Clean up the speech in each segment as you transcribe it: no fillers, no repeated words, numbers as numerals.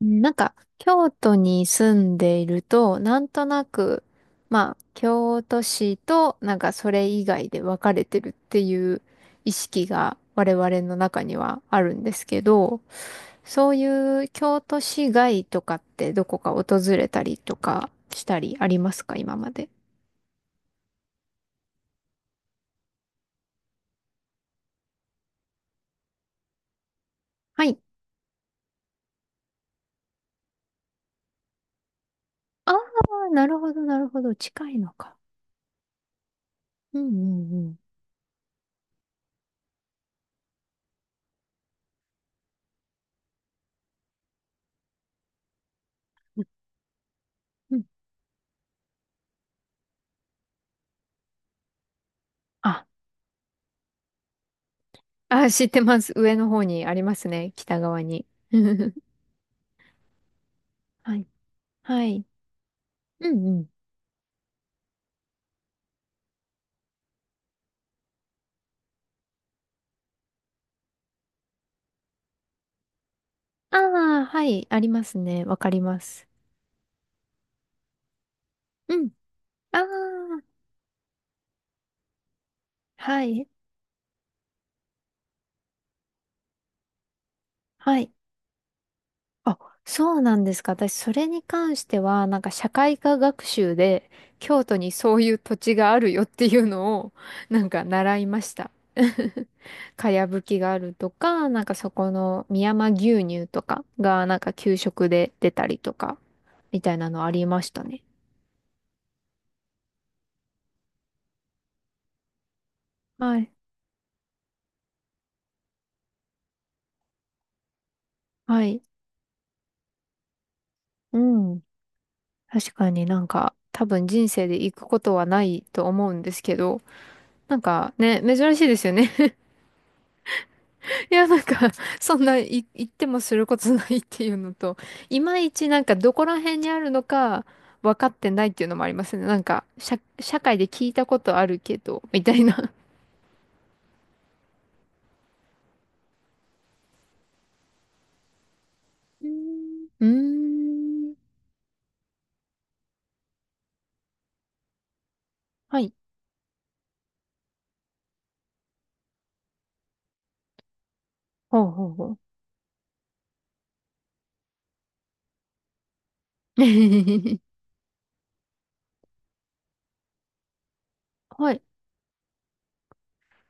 うんなんか、京都に住んでいると、なんとなく、まあ、京都市と、なんかそれ以外で分かれてるっていう意識が我々の中にはあるんですけど、そういう京都市外とかってどこか訪れたりとかしたりありますか、今まで。はい。ああ、なるほど、なるほど。近いのか。うんうんうん。うんあ、あ、知ってます。上の方にありますね。北側に。はいはい。うんうん。ああ、はい。ありますね。わかります。うん。ああ、はい。はい。あ、そうなんですか。私、それに関しては、なんか社会科学習で、京都にそういう土地があるよっていうのを、なんか習いました。かやぶきがあるとか、なんかそこの美山牛乳とかが、なんか給食で出たりとか、みたいなのありましたね。はい。はい。うん。確かになんか多分人生で行くことはないと思うんですけど、なんかね、珍しいですよね。いや、なんか、そんない行ってもすることないっていうのと、いまいちなんかどこら辺にあるのか分かってないっていうのもありますね。なんか、社会で聞いたことあるけど、みたいな。うーんうーん。はい。ほうほうほう。はい。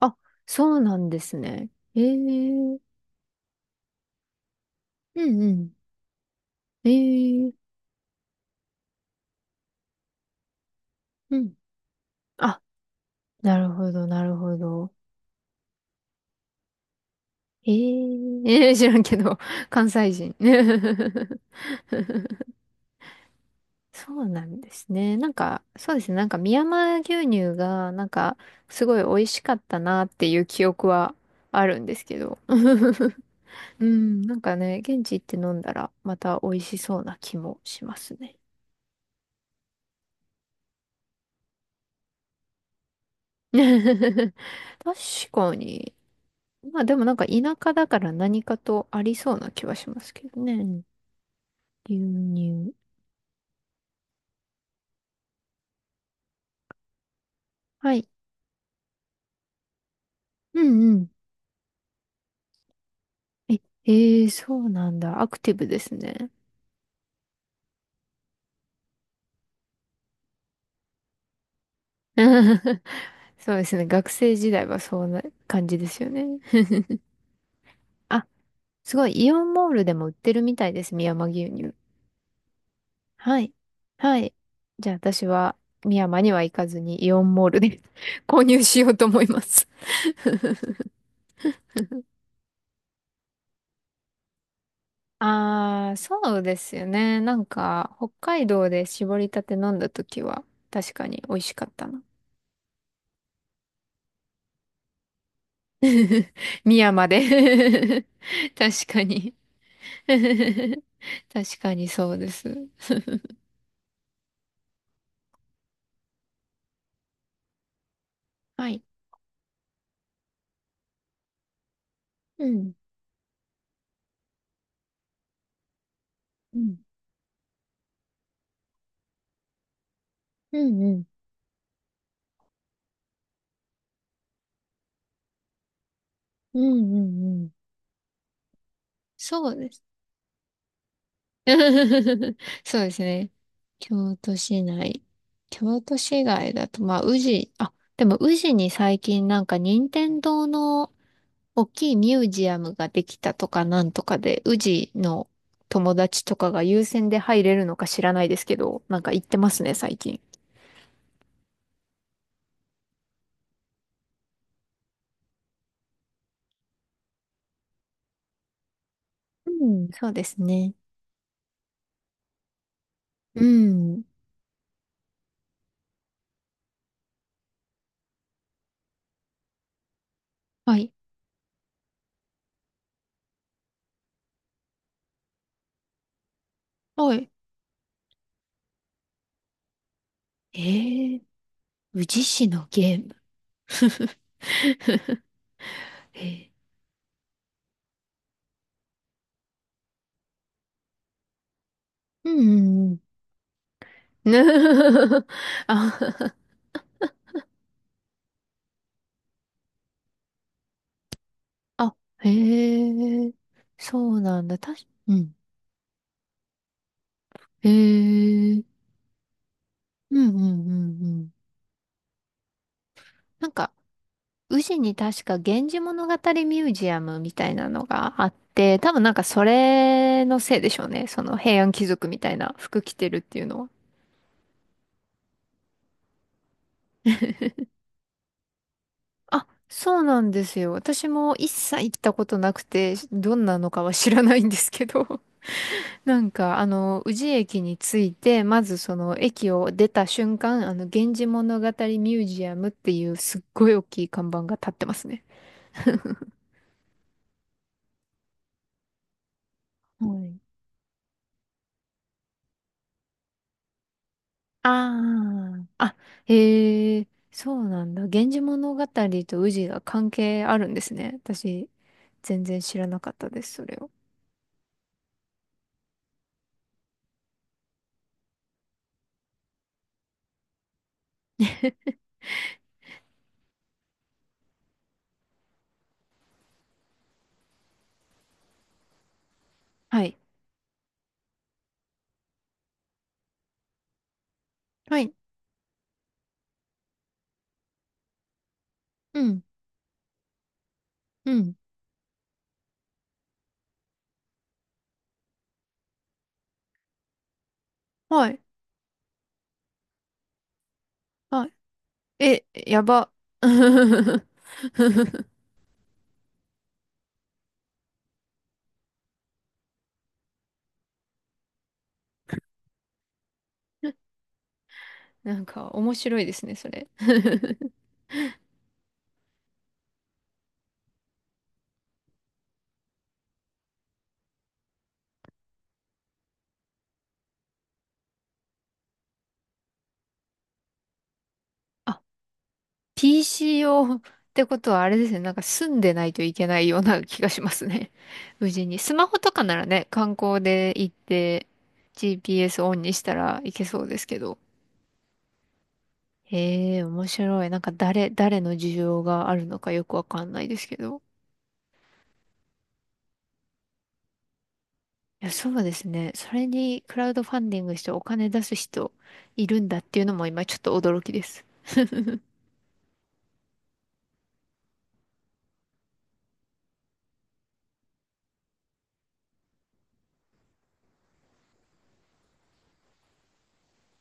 あ、そうなんですね。ええうんうん。ええうん。あなるほど、なるほど。ええー、知らんけど、関西人。そうなんですね。なんか、そうですね。なんか、美山牛乳が、なんか、すごい美味しかったなっていう記憶はあるんですけど。うん、なんかね、現地行って飲んだら、また美味しそうな気もしますね。確かに。まあでもなんか田舎だから何かとありそうな気はしますけどね。牛乳。はい。うんうん。え、えーそうなんだ。アクティブですね。そうですね。学生時代はそんな感じですよね。あ、すごい。イオンモールでも売ってるみたいです。美山牛乳。はい。はい。じゃあ私は美山には行かずにイオンモールで 購入しようと思います。ああ、そうですよね。なんか、北海道で絞りたて飲んだ時は、確かに美味しかったな。美山で 確かに。確かにそうです。はい。うん。うん。うんうん。うんうんうん。そうです。そうですね。京都市内。京都市外だと、まあ、宇治、あ、でも宇治に最近なんか任天堂の大きいミュージアムができたとかなんとかで、宇治の友達とかが優先で入れるのか知らないですけど、なんか行ってますね、最近。うん、そうですね。うん。はい。はいええ宇治市のゲーム。ええうんん あ、あ、へえ、そうなんだ。たし、うん。へえ、うんうんうんうん。なんか、宇治に確か源氏物語ミュージアムみたいなのがあって、多分なんかそれのせいでしょうね。その平安貴族みたいな服着てるっていうのは。あ、そうなんですよ。私も一切行ったことなくて、どんなのかは知らないんですけど。なんか、あの、宇治駅に着いて、まずその駅を出た瞬間、あの、源氏物語ミュージアムっていうすっごい大きい看板が立ってますね。はい。ああ、あ、へえ、そうなんだ。源氏物語と宇治が関係あるんですね。私、全然知らなかったです、それを。はい。はい。うん。うん。はい。はい。え、やば。なんか、面白いですね、それ。あ PCO ってことはあれですね。なんか住んでないといけないような気がしますね。無事に。スマホとかならね、観光で行って GPS オンにしたらいけそうですけど。へえ、面白い。なんか誰の需要があるのかよくわかんないですけど。いや、そうですね。それにクラウドファンディングしてお金出す人いるんだっていうのも今ちょっと驚きです。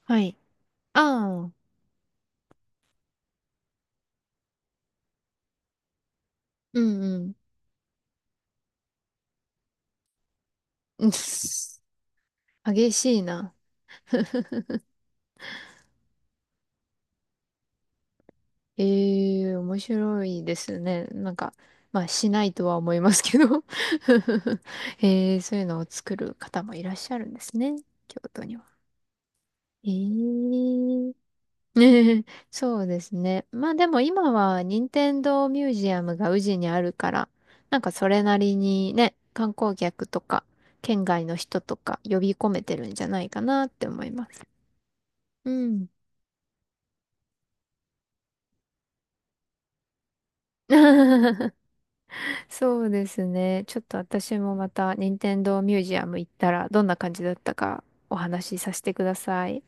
はい。ああ、うんうん。うん 激しいな。ええ、面白いですね。なんか、まあ、しないとは思いますけど ええ、そういうのを作る方もいらっしゃるんですね。京都には。ええ、ねえそうですね。まあでも今は、任天堂ミュージアムが宇治にあるから、なんかそれなりにね、観光客とか、県外の人とか呼び込めてるんじゃないかなって思います。うん。そうですね。ちょっと私もまた、任天堂ミュージアム行ったら、どんな感じだったかお話しさせてください。